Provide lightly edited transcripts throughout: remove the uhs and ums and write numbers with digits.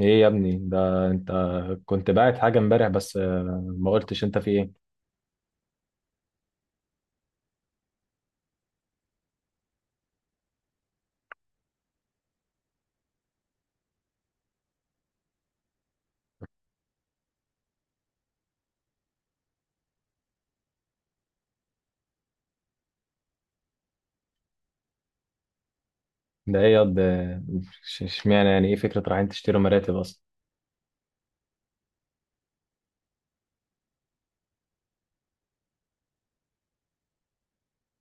ايه يا ابني ده انت كنت باعت حاجة امبارح بس ما قلتش انت في ايه. ده ايه ياض اشمعنى يعني ايه فكرة رايحين تشتروا مراتب اصلا؟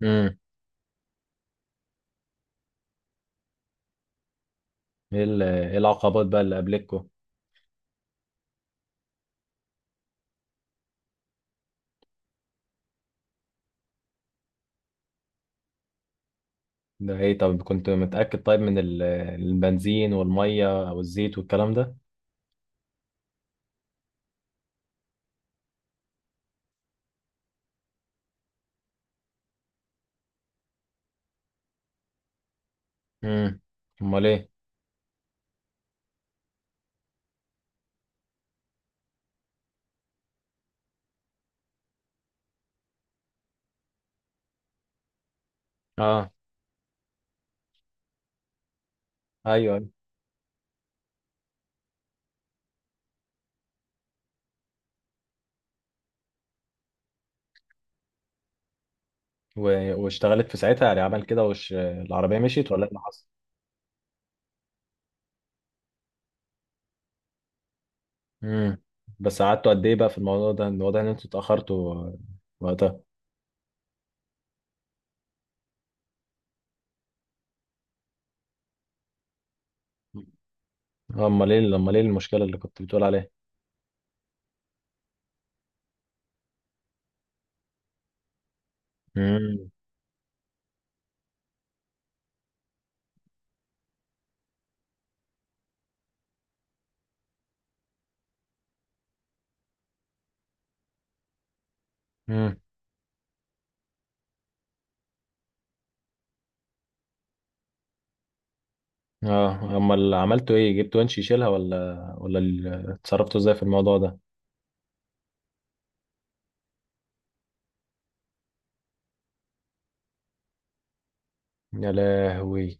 امم ايه إيه العقبات بقى اللي قابلتكوا؟ ده ايه؟ طب كنت متأكد طيب من البنزين والمية او الزيت والكلام ده؟ امم، امال ايه؟ اه، ايوه، أيوة. واشتغلت في ساعتها يعني؟ عمل كده وش العربية مشيت ولا ايه اللي حصل؟ امم. بس قعدتوا قد ايه بقى في الموضوع ده؟ الوضع ان انتوا اتأخرتوا وقتها؟ امال ايه؟ امال ايه المشكله اللي كنت بتقول عليها؟ امم. امم. اه، امال عملتوا ايه؟ جبتوا ونش يشيلها ولا ولا اتصرفتوا ازاي في الموضوع ده؟ يا لهوي.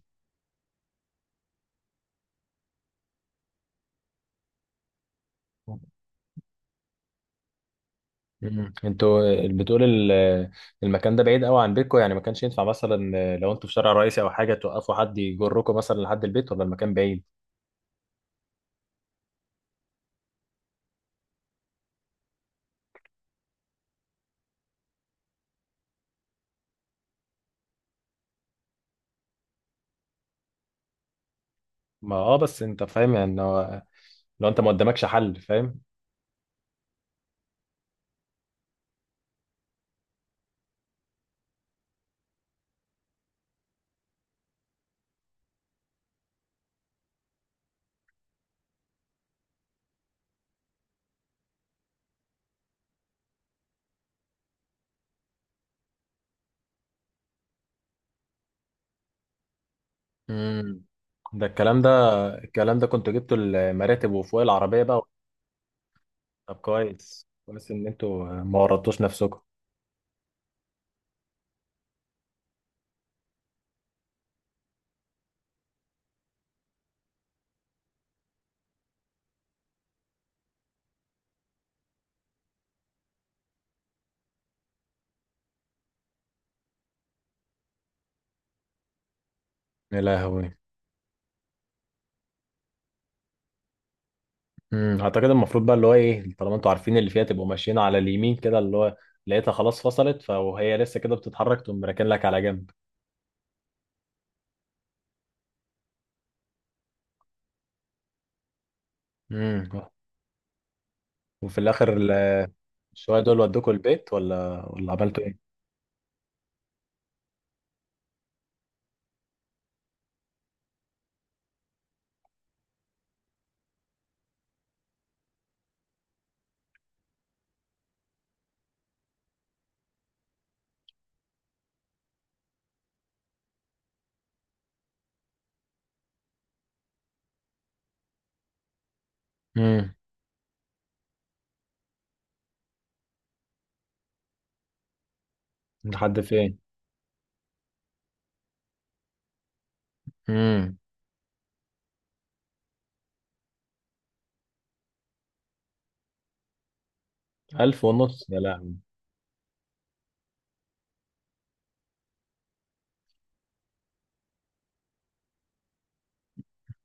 مم. انتوا بتقول المكان ده بعيد قوي عن بيتكم يعني؟ ما كانش ينفع مثلا لو انتوا في شارع رئيسي او حاجه توقفوا حد يجركم مثلا لحد البيت، ولا المكان بعيد؟ ما اه، بس انت فاهم يعني لو انت ما قدامكش حل، فاهم. مم. ده الكلام ده، الكلام ده كنت جبته المراتب وفوق العربيه بقى؟ طب كويس كويس ان انتوا ما ورطتوش نفسكم. يا لهوي. امم. اعتقد المفروض بقى اللي هو ايه، طالما انتوا عارفين اللي فيها تبقوا ماشيين على اليمين كده، اللي هو لقيتها خلاص فصلت فهي لسه كده بتتحرك، تقوم راكن لك على جنب. امم. وفي الاخر شويه دول ودوكوا البيت ولا ولا عملتوا ايه؟ امم. لحد فين؟ امم. ألف ونص؟ يا لهوي.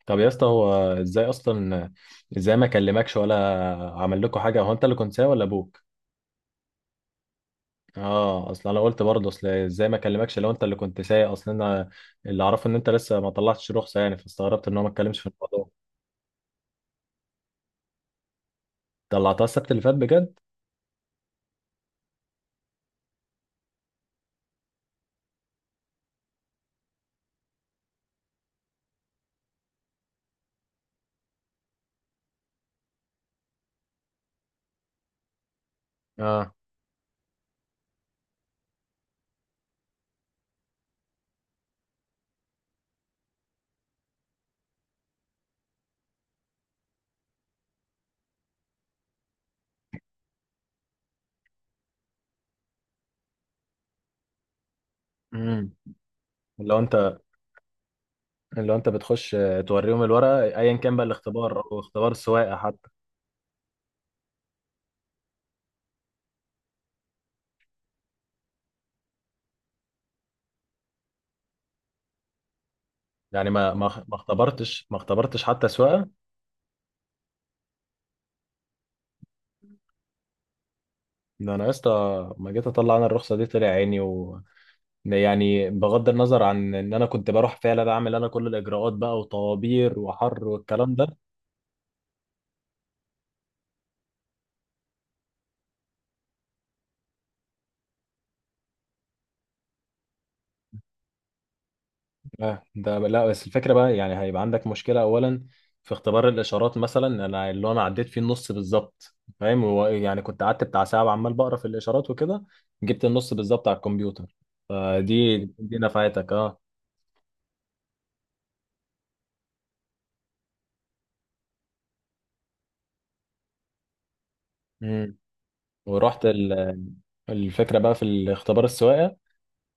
طب يا اسطى هو ازاي اصلا؟ ازاي ما كلمكش ولا عمل لكم حاجه؟ هو انت اللي كنت سايق ولا ابوه؟ اه، اصل انا قلت برضه اصل ازاي ما اكلمكش لو انت اللي كنت سايق. اصل انا اللي اعرفه ان انت لسه ما طلعتش رخصه يعني، فاستغربت ان هو ما اتكلمش في الموضوع. طلعتها السبت اللي فات بجد؟ اه. امم. لو انت، لو انت بتخش توريهم الورقه ايا كان بقى الاختبار او اختبار السواقه حتى. يعني ما اختبرتش، ما اختبرتش حتى سواقه؟ ده انا يا اسطى ما جيت اطلع انا الرخصه دي طلع عيني. و يعني بغض النظر عن ان انا كنت بروح فعلا اعمل انا كل الاجراءات بقى وطوابير وحر والكلام ده. اه، ده لا، بس الفكره بقى يعني هيبقى عندك مشكله اولا في اختبار الاشارات مثلا. انا اللي انا عديت فيه النص بالظبط، فاهم؟ هو يعني كنت قعدت بتاع ساعه عمال بقرا في الاشارات وكده، جبت النص بالظبط على الكمبيوتر. فدي دي نفعتك. اه. امم. ورحت الفكره بقى في الاختبار السواقه،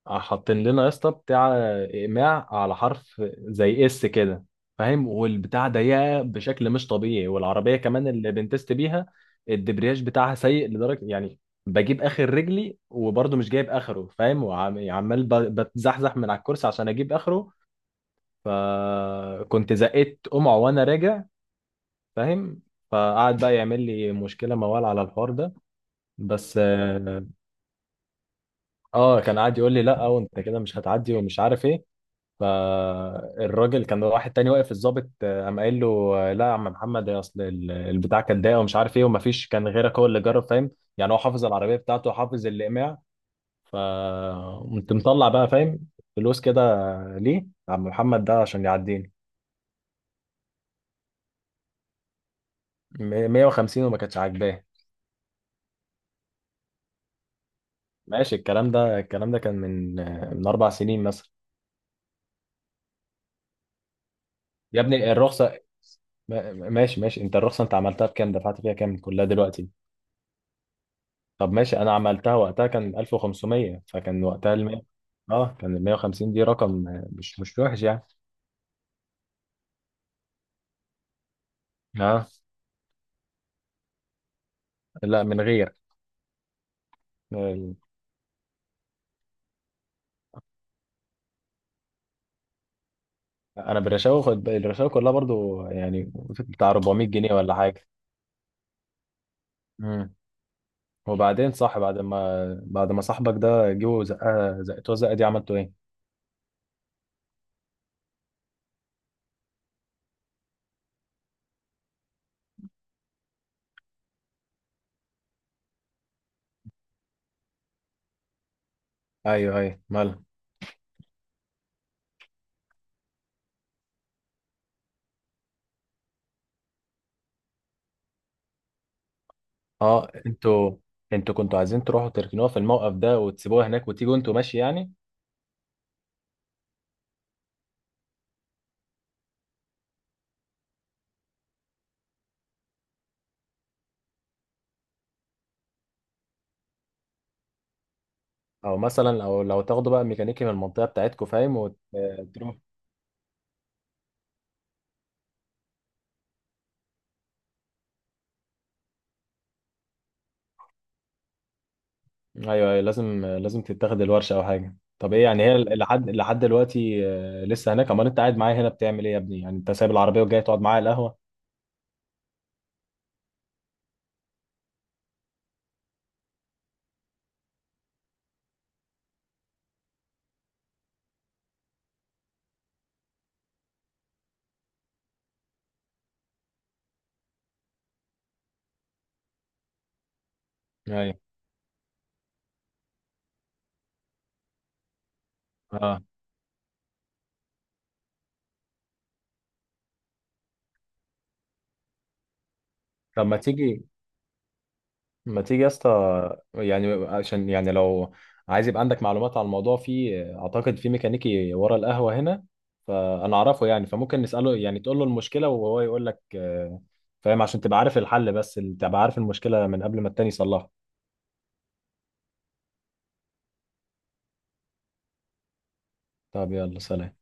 حاطين لنا يا اسطى بتاع اقماع على حرف زي اس كده، فاهم؟ والبتاع ضيقه بشكل مش طبيعي، والعربيه كمان اللي بنتست بيها الدبرياج بتاعها سيء لدرجه يعني بجيب اخر رجلي وبرضه مش جايب اخره، فاهم؟ وعمال بتزحزح من على الكرسي عشان اجيب اخره. فكنت زقيت قمع وانا راجع، فاهم؟ فقعد بقى يعمل لي مشكله موال على الحوار ده. بس اه، كان قاعد يقول لي لا وانت كده مش هتعدي ومش عارف ايه. فالراجل كان واحد تاني واقف الضابط، قام قايل له لا يا عم محمد، يا اصل البتاع كان ضايق ومش عارف ايه، ومفيش كان غيرك هو اللي جرب، فاهم؟ يعني هو حافظ العربيه بتاعته وحافظ الاقماع. فقمت مطلع بقى، فاهم، فلوس كده، ليه؟ عم محمد ده عشان يعديني. 150 وما كانتش عاجباه. ماشي. الكلام ده، الكلام ده كان من من اربع سنين مثلا. يا ابني الرخصه، ماشي ماشي. انت الرخصه انت عملتها بكام، دفعت فيها كام كلها دلوقتي؟ طب ماشي، انا عملتها وقتها كان 1500، فكان وقتها ال 100. اه، كان ال 150 دي رقم مش مش وحش يعني. اه لا، من غير ال- انا بالرشاوي خد الرشاوي كلها برضو يعني بتاع 400 جنيه ولا حاجه. امم. وبعدين صح، بعد ما بعد ما صاحبك ده جه زقها زقتوها زقه دي، عملتوا ايه؟ ايوه ايوه، مالها؟ اه، انتوا، انتوا كنتوا عايزين تروحوا تركنوها في الموقف ده وتسيبوها هناك وتيجوا انتوا، ماشي يعني؟ او مثلا او لو تاخدوا بقى ميكانيكي من المنطقه بتاعتكم، فاهم، ايوه ايوه، لازم لازم تتاخد الورشه او حاجه. طب ايه يعني، هي لحد لحد دلوقتي لسه هناك؟ امال انت قاعد معايا هنا بتعمل ايه يا ابني؟ يعني انت سايب العربيه وجاي تقعد معايا على القهوه؟ ايوه. اه. طب ما تيجي، ما تيجي يا اسطى، يعني عشان يعني لو عايز يبقى عندك معلومات عن الموضوع، في اعتقد في ميكانيكي ورا القهوه هنا، فانا اعرفه يعني، فممكن نساله يعني، تقول له المشكله وهو يقول لك فاهم، عشان تبقى عارف الحل، بس تبقى عارف المشكله من قبل ما التاني يصلحها. طب يلا، سلام.